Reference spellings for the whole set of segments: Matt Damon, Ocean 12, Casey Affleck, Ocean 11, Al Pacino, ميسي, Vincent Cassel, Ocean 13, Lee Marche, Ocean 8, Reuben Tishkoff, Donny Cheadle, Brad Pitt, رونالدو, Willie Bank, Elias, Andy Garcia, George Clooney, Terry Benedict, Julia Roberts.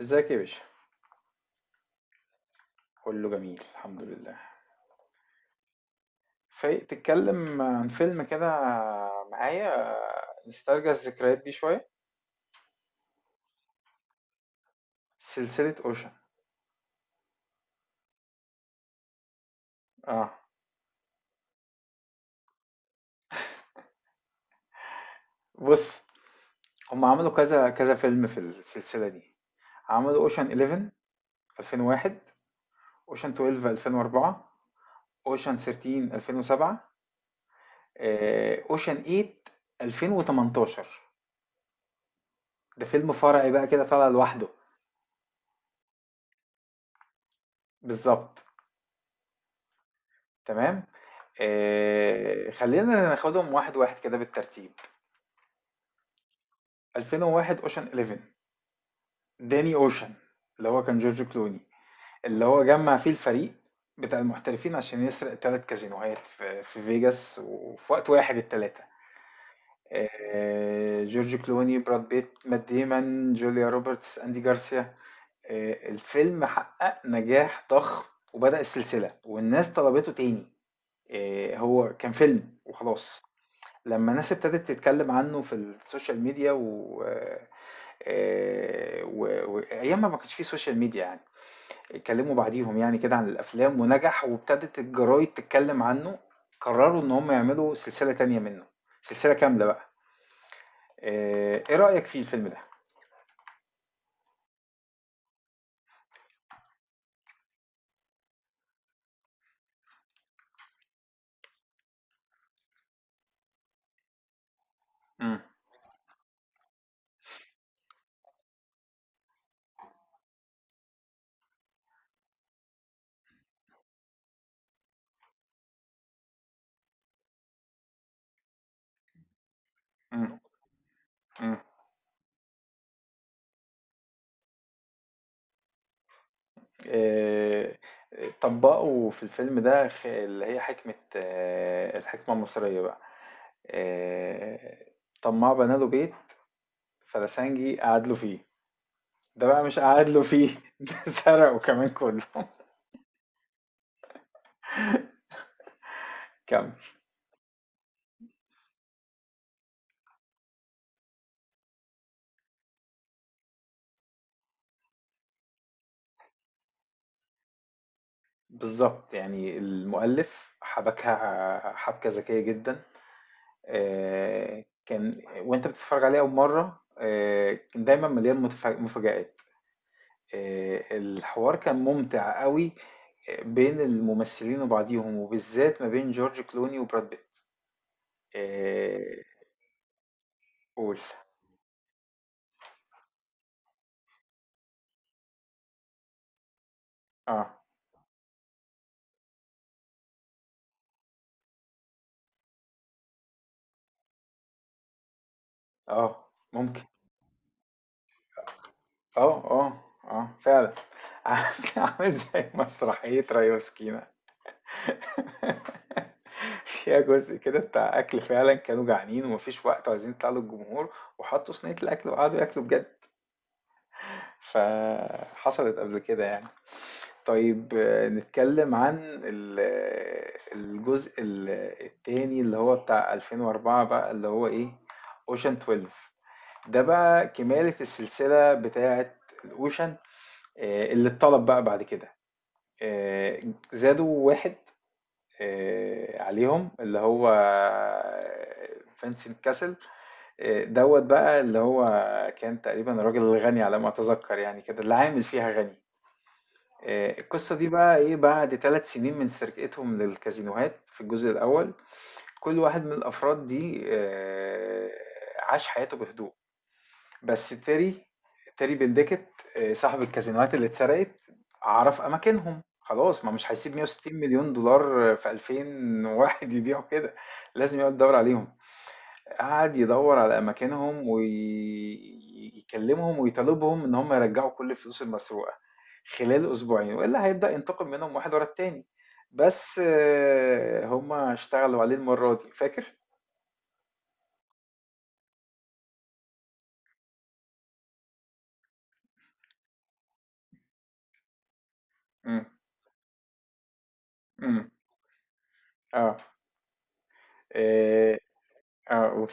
ازيك يا باشا؟ كله جميل الحمد لله. فايق تتكلم عن فيلم كده معايا؟ نسترجع الذكريات دي شوية. سلسلة اوشن. اه، بص. هم عملوا كذا كذا فيلم في السلسلة دي. عملوا اوشن 11 2001. اوشن 12 2004. اوشن 13 2007. اوشن 8 2018. ده فيلم فرعي بقى كده طالع لوحده. بالظبط. تمام. خلينا ناخدهم واحد واحد كده بالترتيب. 2001 اوشن 11. داني اوشن. اللي هو كان جورج كلوني. اللي هو جمع فيه الفريق بتاع المحترفين عشان يسرق ثلاث كازينوهات في فيجاس وفي وقت واحد الثلاثة. جورج كلوني براد بيت مات ديمون جوليا روبرتس اندي جارسيا. الفيلم حقق نجاح ضخم وبدأ السلسلة والناس طلبته تاني. هو كان فيلم وخلاص. لما الناس ابتدت تتكلم عنه في السوشيال ميديا و... آه، آه، و- وايام ما كانش فيه سوشيال ميديا يعني. اتكلموا بعديهم يعني كده عن الافلام ونجح وابتدت الجرايد تتكلم عنه. قرروا ان هم يعملوا سلسلة تانية منه. سلسلة كاملة بقى. ايه رأيك في الفيلم ده؟ مم. مم. مم. آه، طبقوا في الفيلم ده اللي هي حكمة الحكمة المصرية بقى. آه، طماع بنى له بيت. فلسنجي قعد له فيه. ده بقى مش قعد له فيه ده سرقه كمان كله كمل. بالضبط، يعني المؤلف حبكها حبكة ذكية جدًا. كان وأنت بتتفرج عليه أول مرة. كان دايمًا مليان مفاجآت. الحوار كان ممتع أوي. بين الممثلين وبعضيهم، وبالذات ما بين جورج كلوني وبراد بيت. آآ، قُل. آه، آه، ممكن. فعلًا. عامل عامل زي مسرحية ريا وسكينة فيها جزء كده بتاع أكل فعلًا كانوا جعانين ومافيش وقت وعايزين يطلعوا للجمهور، وحطوا صينية الأكل وقعدوا ياكلوا بجد، فحصلت قبل كده يعني. طيب، نتكلم عن ال آه، الجزء ال آه، التاني اللي هو بتاع 2004 بقى اللي هو إيه Ocean 12. ده بقى كمالة السلسلة بتاعة الOcean. اللي اتطلب بقى بعد كده. آآ زادوا 1 عليهم اللي هو فينسنت كاسل. دوت بقى اللي هو كان تقريبا الراجل الغني على ما اتذكر يعني كده اللي عامل فيها غني. القصة دي بقى ايه بعد 3 سنين من سرقتهم للكازينوهات في الجزء الأول. كل واحد من الأفراد دي عاش حياته بهدوء. بس تيري بندكت. صاحب الكازينوهات اللي اتسرقت عرف اماكنهم خلاص، ما مش هيسيب 160 مليون دولار في 2000 واحد يضيعوا كده. لازم يقعد يدور عليهم. قعد يدور على اماكنهم ويكلمهم ويطالبهم ان هم يرجعوا كل الفلوس المسروقه خلال اسبوعين والا هيبدا ينتقم منهم واحد ورا التاني. بس هم اشتغلوا عليه المره دي فاكر. امم. امم. اه. اه. قول.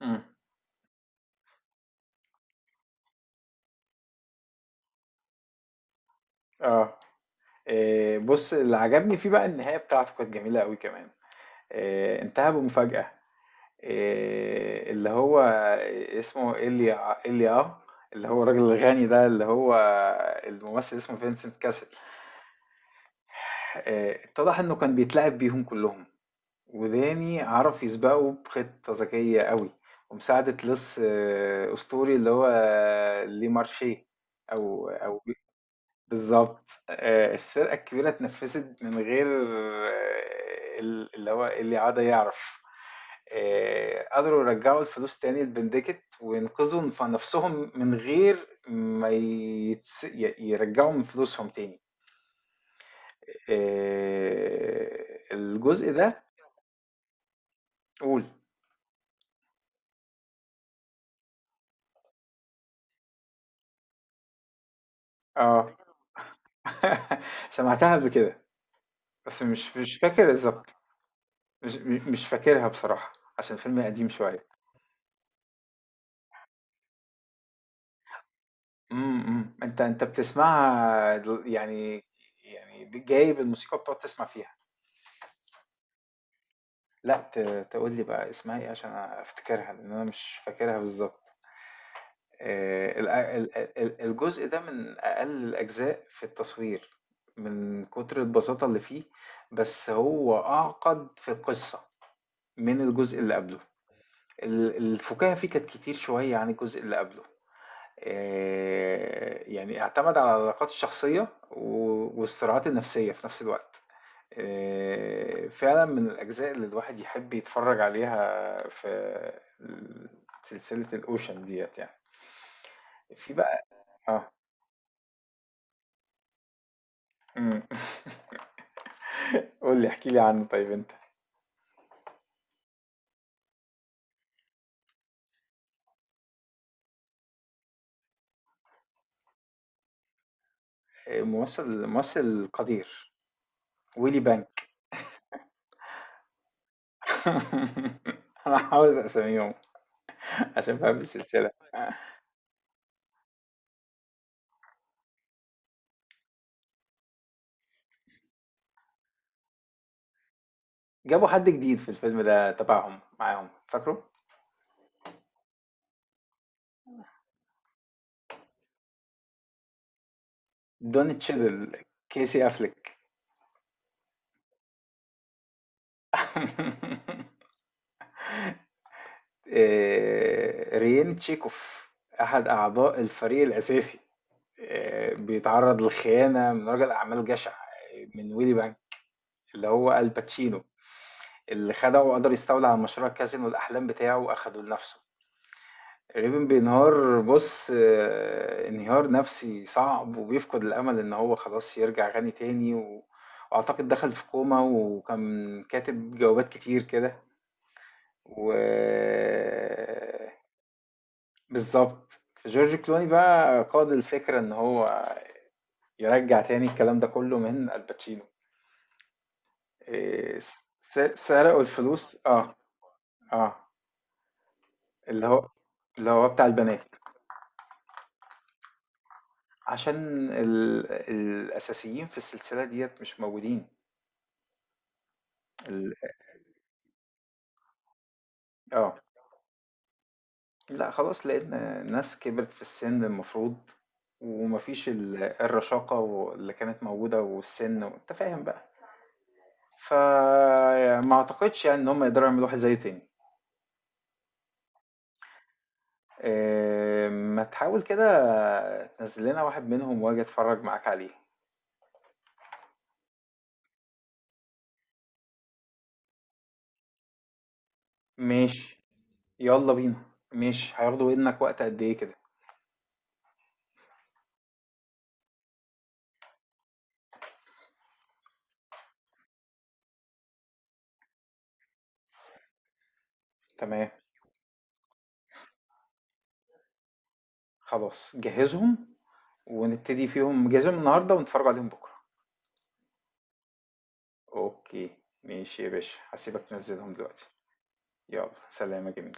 امم. اه. بص، اللي عجبني فيه بقى النهاية بتاعته كانت جميلة قوي كمان. انتهى بمفاجأة. اللي هو اسمه إيليا إيليا. اللي هو الراجل الغني ده اللي هو الممثل اسمه فينسنت كاسل. اتضح انه كان بيتلاعب بيهم كلهم. وداني عرف يسبقه بخطة ذكية قوي ومساعدة لص أسطوري اللي هو لي مارشيه. أو. بالضبط. السرقة الكبيرة اتنفّذت من غير آه، ال اللي هو اللي عاد يعرف. قدروا يرجّعوا الفلوس تاني لبنديكت وينقذوا نَفْسهم من غير ما يتس ي يرجّعوا من فلوسهم تاني. آآ الجزء ده. قُل. آه. سمعتها قبل كده، بس مش فاكر بالضبط. مش فاكرها بصراحة، عشان فيلم قديم شوية. إمم. إمم. أنت بتسمعها يعني. يعني جايب الموسيقى وبتقعد تسمع فيها. لأ، تقول لي بقى اسمها إيه عشان أفتكرها، لإن أنا مش فاكرها بالضبط. ال ال ال الجزء ده من أقل الأجزاء في التصوير، من كتر البساطة اللي فيه، بس هو أعقد في القصة من الجزء اللي قبله. الفُكاهة فيه كانت كتير شوية عن الجزء اللي قبله. يعني اعتمد على العلاقات الشخصية والصراعات النفسية في نفس الوقت. فعلا من الأجزاء اللي الواحد يحب يتفرج عليها في سلسلة الأوشن ديت يعني. في بقى. اه. مم. قول لي احكي لي عنه طيب انت. ممثل ممثل القدير ويلي بانك. انا هحاول اسميهم عشان بحب السلسلة. جابوا حد جديد في الفيلم ده تبعهم معاهم فاكره. دوني تشيدل. كيسي أفليك. ريين تشيكوف أحد أعضاء الفريق الأساسي. بيتعرض للخيانة من رجل أعمال جشع من ويلي بانك اللي هو الباتشينو. اللي خدعه وقدر يستولى على مشروع كازينو الأحلام بتاعه وأخده لنفسه. ريبن بينهار بص، انهيار نفسي صعب وبيفقد الأمل إن هو خلاص يرجع غني تاني وأعتقد دخل في كوما وكان كاتب جوابات كتير كده و بالظبط. جورج كلوني بقى قاد الفكرة ان هو يرجع تاني الكلام ده كله من الباتشينو. إيه، سرقوا الفلوس. اه. اه. اللي هو اللي هو بتاع البنات. عشان الاساسيين في السلسلة ديت مش موجودين. ال... اه، لا خلاص لقينا ناس كبرت في السن المفروض. ومفيش الرشاقة اللي كانت موجودة والسن انت فاهم بقى. فما اعتقدش يعني ان هم يقدروا يعملوا واحد زيه تاني. ما تحاول كده تنزل لنا واحد منهم واجي اتفرج معاك عليه. ماشي. يلا بينا. ماشي، هياخدوا منك وقت قد ايه كده؟ تمام. خلاص جهزهم ونبتدي فيهم، جهزهم النهارده ونتفرج عليهم بكره. اوكي. ماشي يا باشا، هسيبك تنزلهم دلوقتي. يلا، سلام يا جميل.